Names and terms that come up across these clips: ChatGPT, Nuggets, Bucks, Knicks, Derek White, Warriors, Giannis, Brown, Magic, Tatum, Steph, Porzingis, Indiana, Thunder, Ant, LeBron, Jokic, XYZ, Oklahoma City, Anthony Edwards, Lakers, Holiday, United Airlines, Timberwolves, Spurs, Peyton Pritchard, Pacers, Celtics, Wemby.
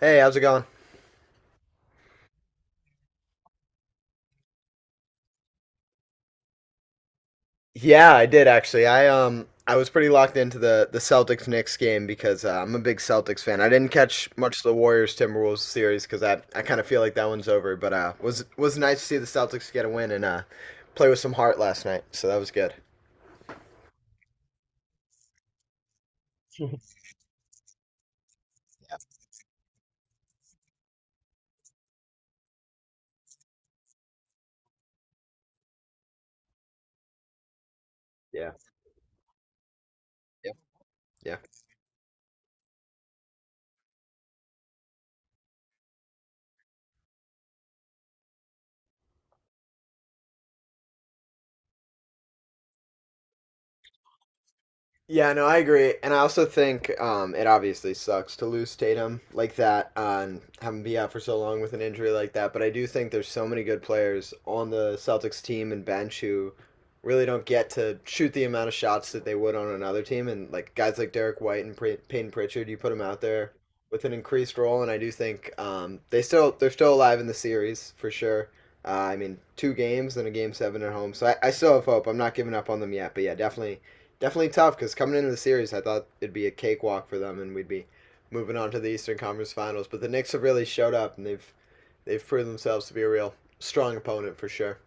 Hey, how's it going? Yeah, I did actually. I was pretty locked into the Celtics Knicks game because I'm a big Celtics fan. I didn't catch much of the Warriors Timberwolves series because I kind of feel like that one's over. But was nice to see the Celtics get a win and play with some heart last night. So that was good. Yeah. Yeah. Yeah. Yeah. Yeah, no, I agree, and I also think it obviously sucks to lose Tatum like that, and have him be out for so long with an injury like that. But I do think there's so many good players on the Celtics team and bench who really don't get to shoot the amount of shots that they would on another team. And like guys like Derek White and Peyton Pritchard, you put them out there with an increased role, and I do think they're still alive in the series for sure. I mean, two games and a game seven at home, so I still have hope. I'm not giving up on them yet, but yeah, definitely tough because coming into the series, I thought it'd be a cakewalk for them, and we'd be moving on to the Eastern Conference Finals. But the Knicks have really showed up, and they've proven themselves to be a real strong opponent for sure.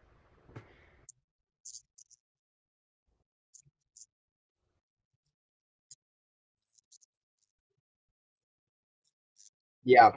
Yeah,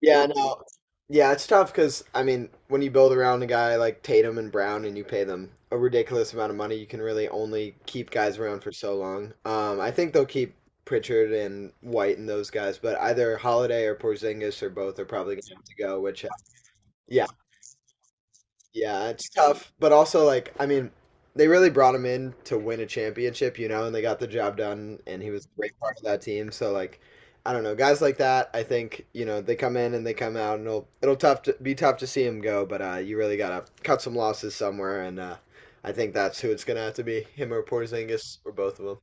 yeah, no, yeah, it's tough because I mean, when you build around a guy like Tatum and Brown, and you pay them a ridiculous amount of money, you can really only keep guys around for so long. I think they'll keep Pritchard and White and those guys, but either Holiday or Porzingis or both are probably going to have to go. Which, yeah, yeah, it's tough, but also like I mean, they really brought him in to win a championship, you know, and they got the job done, and he was a great part of that team. So like, I don't know, guys like that, I think you know they come in and they come out, and it'll be tough to see him go, but you really gotta cut some losses somewhere, and I think that's who it's gonna have to be, him or Porzingis or both of them.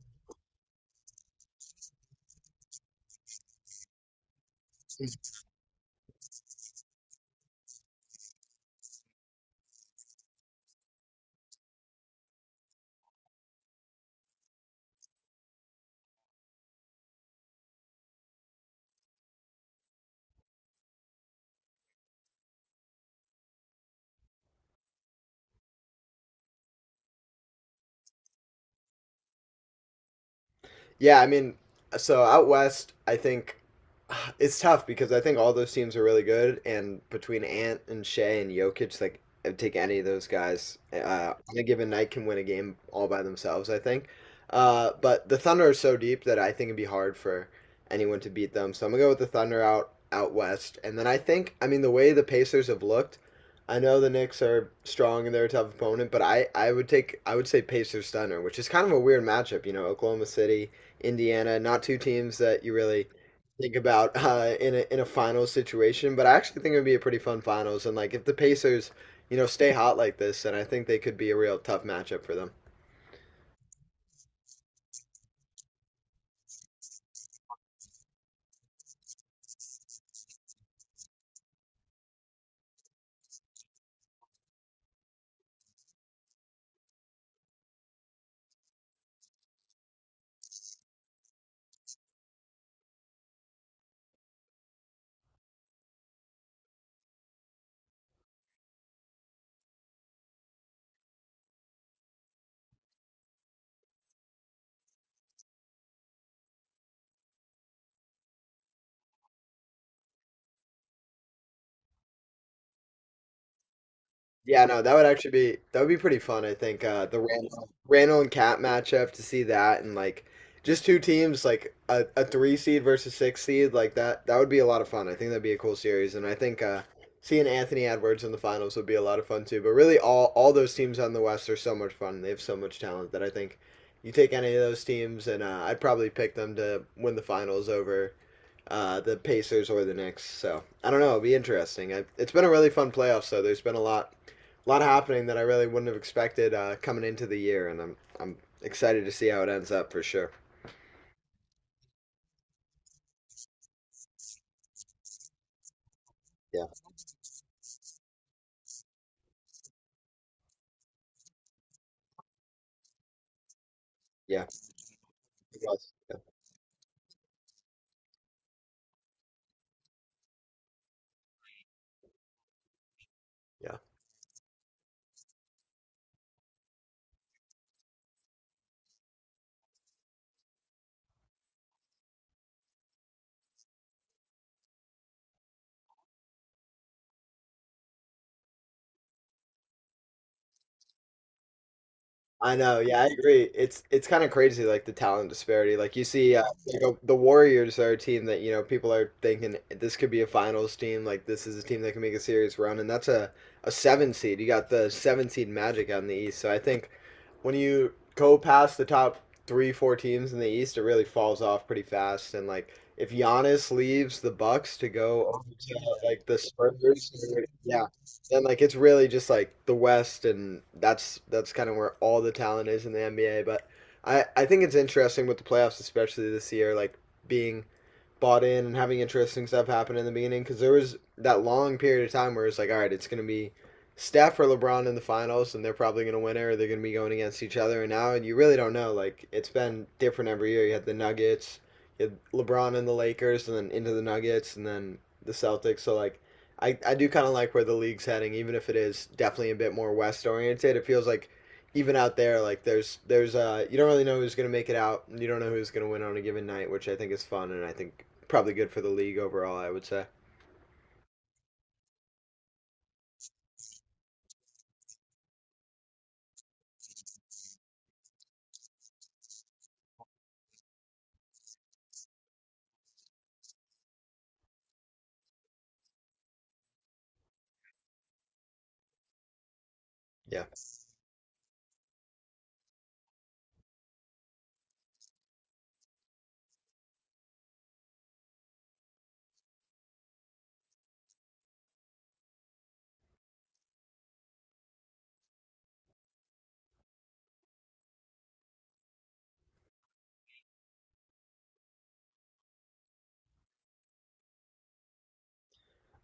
Yeah, I mean, so out west, I think it's tough because I think all those teams are really good, and between Ant and Shea and Jokic, like I'd take any of those guys on a given night can win a game all by themselves. But the Thunder are so deep that I think it'd be hard for anyone to beat them. So I'm gonna go with the Thunder out west, and then I mean the way the Pacers have looked. I know the Knicks are strong and they're a tough opponent, but I would say Pacers Thunder, which is kind of a weird matchup. You know, Oklahoma City Indiana. Not two teams that you really think about in a finals situation, but I actually think it would be a pretty fun finals. And like if the Pacers, you know, stay hot like this, then I think they could be a real tough matchup for them. Yeah, no, that would actually be that would be pretty fun, I think. The Randall and Cat matchup to see that and like just two teams like a three seed versus six seed like that would be a lot of fun. I think that'd be a cool series and I think seeing Anthony Edwards in the finals would be a lot of fun too. But really all those teams on the West are so much fun. They have so much talent that I think you take any of those teams and I'd probably pick them to win the finals over the Pacers or the Knicks. So I don't know. It'll be interesting. It's been a really fun playoff. So there's been a lot happening that I really wouldn't have expected coming into the year, and I'm excited to see how it ends up for sure. Yeah, yeah, it was. Yeah, yeah. I know. Yeah, I agree. It's kind of crazy, like the talent disparity. The Warriors are a team that you know people are thinking this could be a finals team. Like this is a team that can make a serious run, and that's a seven seed. You got the seven seed Magic out in the East. So I think when you go past the top three, four teams in the East, it really falls off pretty fast. And like if Giannis leaves the Bucks to go over to like the Spurs, and like it's really just like the West, and that's kind of where all the talent is in the NBA. But I think it's interesting with the playoffs, especially this year, like being bought in and having interesting stuff happen in the beginning because there was that long period of time where it's like, all right, it's going to be Steph or LeBron in the finals, and they're probably going to win it, or they're going to be going against each other. And now you really don't know. Like it's been different every year. You had the Nuggets, you had LeBron and the Lakers, and then into the Nuggets, and then the Celtics. So like, I do kind of like where the league's heading, even if it is definitely a bit more West oriented. It feels like even out there, like there's you don't really know who's going to make it out. And you don't know who's going to win on a given night, which I think is fun, and I think probably good for the league overall, I would say. Yeah.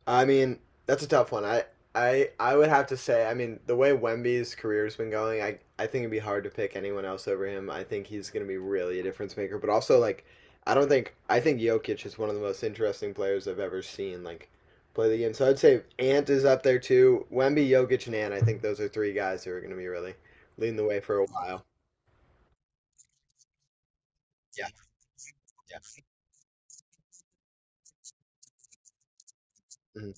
I mean, that's a tough one. I would have to say. I mean, the way Wemby's career's been going, I think it'd be hard to pick anyone else over him. I think he's gonna be really a difference maker. But also, like, I don't think I think Jokic is one of the most interesting players I've ever seen. Like. Play the game, so I'd say Ant is up there too. Wemby, Jokic, and Ant. I think those are three guys who are going to be really leading the way for a while. Yeah, yeah, mhm,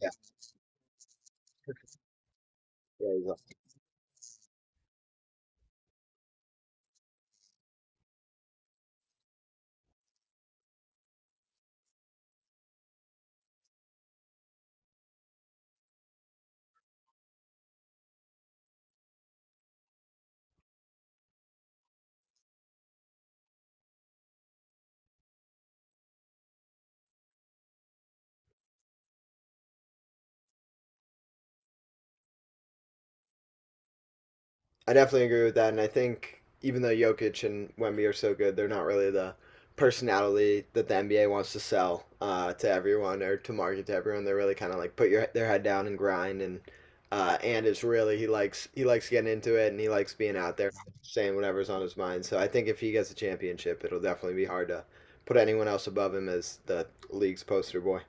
yeah. yeah he's I definitely agree with that, and I think even though Jokic and Wemby are so good, they're not really the personality that the NBA wants to sell to everyone or to market to everyone. They're really kind of like put your their head down and grind, and it's really he likes getting into it and he likes being out there saying whatever's on his mind. So I think if he gets a championship, it'll definitely be hard to put anyone else above him as the league's poster boy.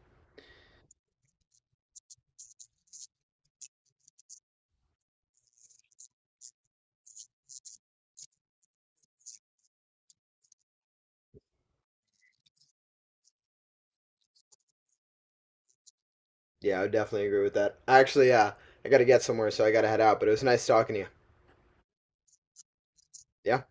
Yeah, I would definitely agree with that. Actually, I got to get somewhere, so I got to head out. But it was nice talking to you. Yeah.